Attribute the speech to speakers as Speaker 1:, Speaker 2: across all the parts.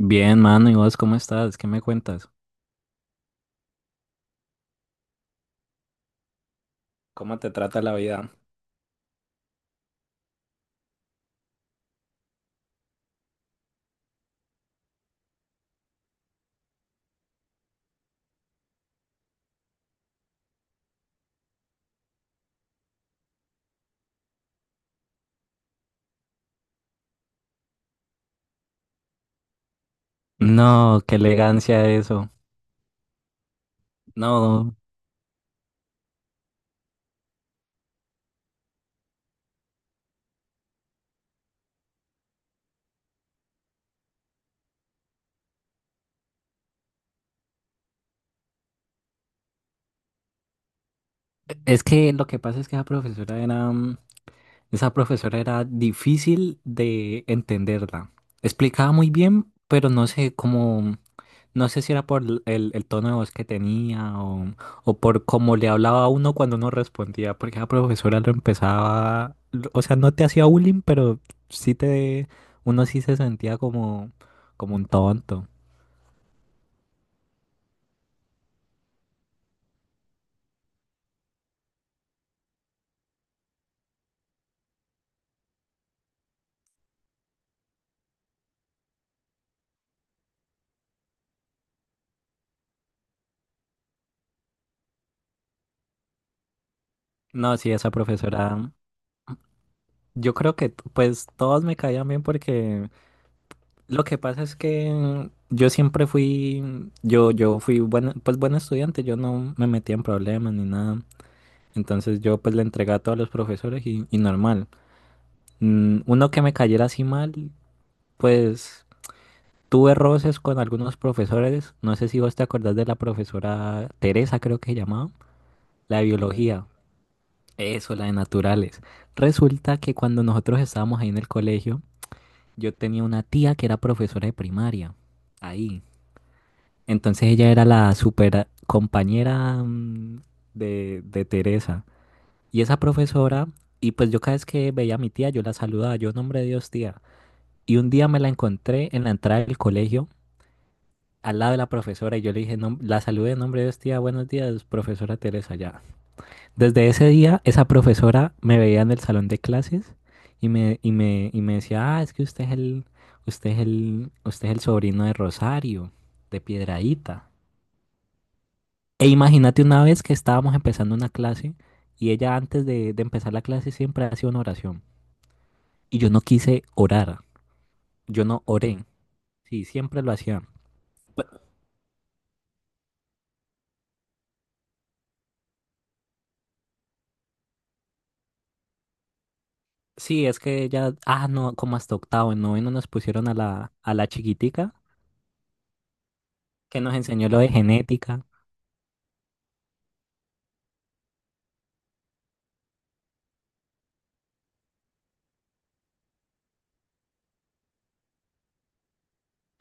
Speaker 1: Bien, mano, ¿y vos cómo estás? ¿Qué me cuentas? ¿Cómo te trata la vida? No, qué elegancia eso. No, es que lo que pasa es que esa profesora era, esa profesora era difícil de entenderla. Explicaba muy bien, pero no sé cómo. No sé si era por el tono de voz que tenía o por cómo le hablaba a uno cuando uno respondía, porque la profesora lo empezaba, o sea, no te hacía bullying, pero sí te, uno sí se sentía como, como un tonto. No, sí, esa profesora, yo creo que pues todos me caían bien porque lo que pasa es que yo siempre fui, yo fui buen, pues buen estudiante, yo no me metía en problemas ni nada. Entonces yo pues le entregaba a todos los profesores y normal. Uno que me cayera así mal, pues tuve roces con algunos profesores. No sé si vos te acordás de la profesora Teresa, creo que se llamaba, la de biología. Eso, la de naturales. Resulta que cuando nosotros estábamos ahí en el colegio, yo tenía una tía que era profesora de primaria. Ahí. Entonces ella era la super compañera de Teresa. Y esa profesora, y pues yo cada vez que veía a mi tía, yo la saludaba, yo, nombre de Dios, tía. Y un día me la encontré en la entrada del colegio, al lado de la profesora, y yo le dije, la saludé, nombre de Dios, tía, buenos días, profesora Teresa, ya. Desde ese día, esa profesora me veía en el salón de clases y me decía, ah, es que usted es el sobrino de Rosario, de Piedradita. E imagínate una vez que estábamos empezando una clase y ella antes de empezar la clase siempre hacía una oración. Y yo no quise orar, yo no oré, sí, siempre lo hacía. Sí, es que ya, ah, no, como hasta octavo, en noveno nos pusieron a la chiquitica que nos enseñó lo de genética.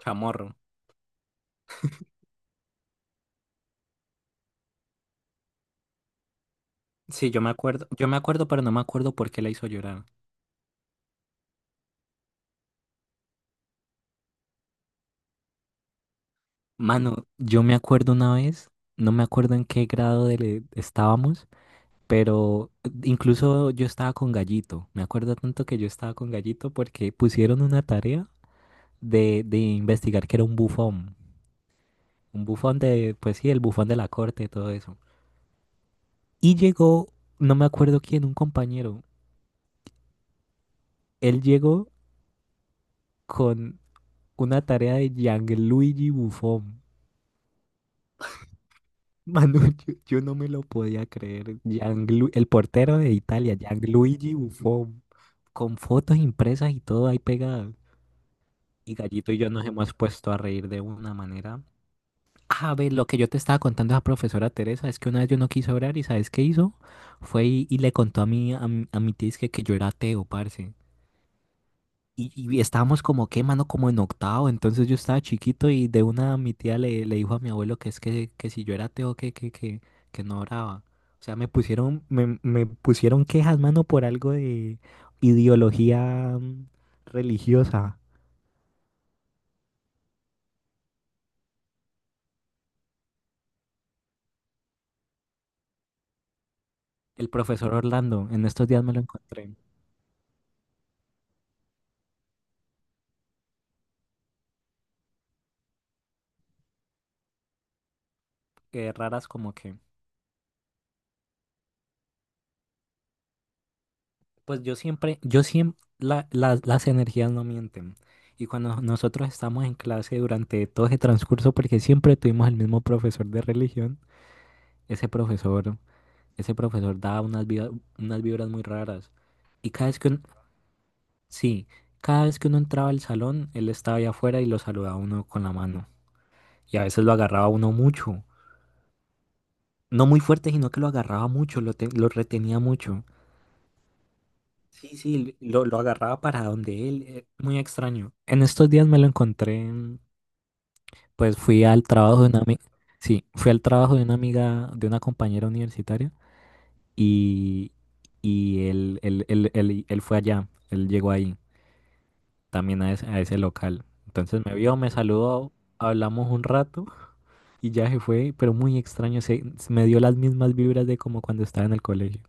Speaker 1: Chamorro. Sí, yo me acuerdo, pero no me acuerdo por qué la hizo llorar. Mano, yo me acuerdo una vez, no me acuerdo en qué grado estábamos, pero incluso yo estaba con Gallito. Me acuerdo tanto que yo estaba con Gallito porque pusieron una tarea de investigar que era un bufón. Un bufón de, pues sí, el bufón de la corte y todo eso. Y llegó, no me acuerdo quién, un compañero. Él llegó con una tarea de Gianluigi Buffon. Manu, yo no me lo podía creer. El portero de Italia, Gianluigi Buffon, con fotos impresas y todo ahí pegado. Y Gallito y yo nos hemos puesto a reír de una manera. A ver, lo que yo te estaba contando a la profesora Teresa es que una vez yo no quise orar y ¿sabes qué hizo? Fue y le contó a mi tía es que yo era ateo, parce. Y estábamos como que, mano, como en octavo, entonces yo estaba chiquito y de una mi tía le dijo a mi abuelo que es que si yo era ateo, que no oraba. O sea, me pusieron, me pusieron quejas, mano, por algo de ideología religiosa. El profesor Orlando, en estos días me lo encontré. Raras como que. Pues yo siempre, las energías no mienten. Y cuando nosotros estamos en clase durante todo ese transcurso, porque siempre tuvimos el mismo profesor de religión, ese profesor, ese profesor daba unas vibras muy raras. Y cada vez que un- sí, cada vez que uno entraba al salón, él estaba allá afuera y lo saludaba a uno con la mano. Y a veces lo agarraba a uno mucho. No muy fuerte, sino que lo agarraba mucho, lo retenía mucho. Sí, sí, lo agarraba para donde él. Muy extraño. En estos días me lo encontré, pues fui al trabajo de una amiga. Sí, fui al trabajo de una amiga, de una compañera universitaria. Y, y él, él fue allá, él llegó ahí, también a ese local. Entonces me vio, me saludó, hablamos un rato y ya se fue, pero muy extraño, se me dio las mismas vibras de como cuando estaba en el colegio.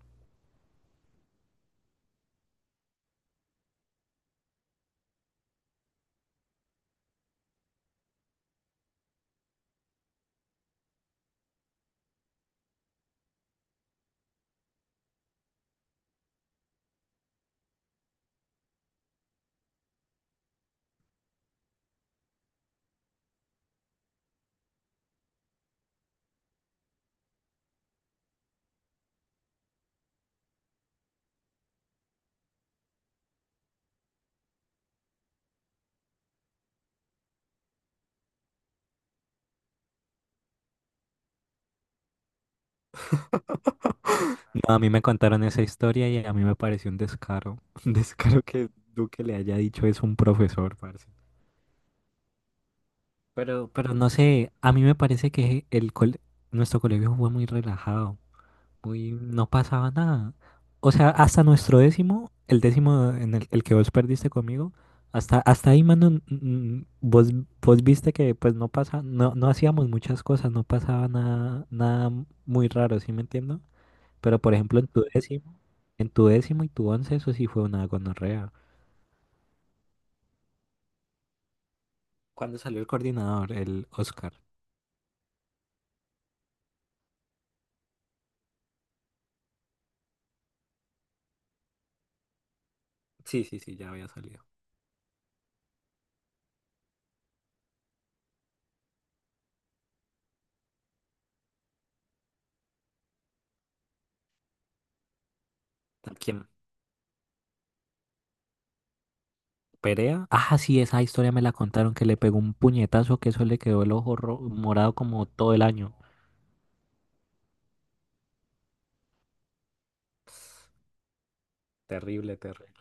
Speaker 1: No, a mí me contaron esa historia y a mí me pareció un descaro, un descaro que Duque le haya dicho es un profesor, parce. Pero no sé, a mí me parece que nuestro colegio fue muy relajado. Uy, no pasaba nada. O sea, hasta nuestro décimo, el décimo en el que vos perdiste conmigo, hasta, hasta ahí, mano, vos, vos viste que pues no pasa, no, no hacíamos muchas cosas, no pasaba nada, nada muy raro, ¿sí me entiendo? Pero por ejemplo, en tu décimo y tu once, eso sí fue una gonorrea. ¿Cuándo salió el coordinador, el Oscar? Sí, sí, sí, ya había salido. Quién. Perea. Ah, sí, esa historia me la contaron que le pegó un puñetazo que eso le quedó el ojo morado como todo el año. Terrible, terrible.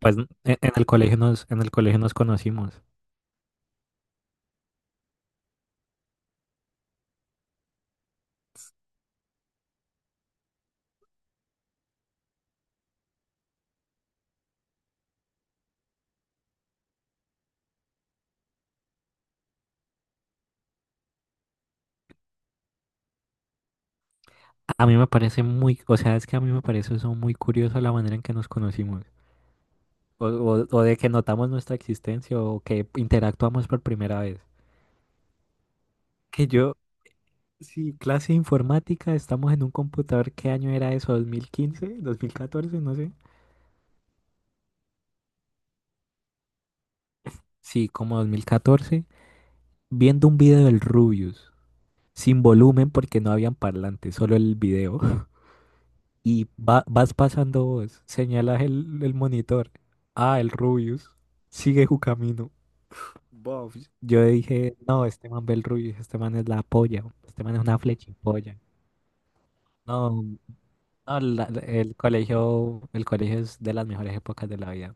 Speaker 1: Pues en el colegio en el colegio nos conocimos. A mí me parece muy, o sea, es que a mí me parece eso muy curioso la manera en que nos conocimos. O, o de que notamos nuestra existencia o que interactuamos por primera vez. Que yo, sí, clase de informática, estamos en un computador, ¿qué año era eso? ¿2015? ¿2014? No sé. Sí, como 2014. Viendo un video del Rubius, sin volumen porque no habían parlantes, solo el video. Y vas pasando vos, señalas el monitor. Ah, el Rubius, sigue su camino. Bof, yo dije, no, este man ve el Rubius, este man es la polla, este man es una flechipolla. No, no, el colegio es de las mejores épocas de la vida.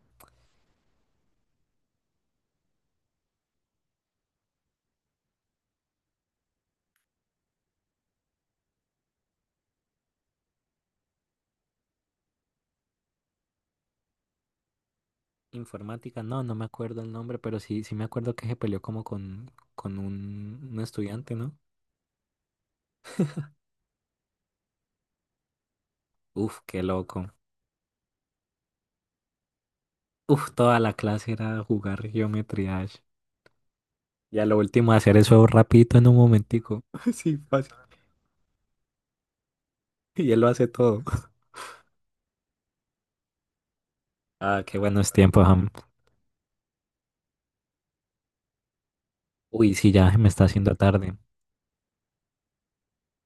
Speaker 1: Informática, no, no me acuerdo el nombre, pero sí, sí me acuerdo que se peleó como con un estudiante, ¿no? Uf, qué loco. Uf, toda la clase era jugar geometría Dash. Y a lo último hacer eso rapidito en un momentico. Sí, fácil. Y él lo hace todo. Ah, qué buenos tiempos, Ham. Uy, sí, ya me está haciendo tarde.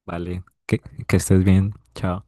Speaker 1: Vale, que estés bien. Chao.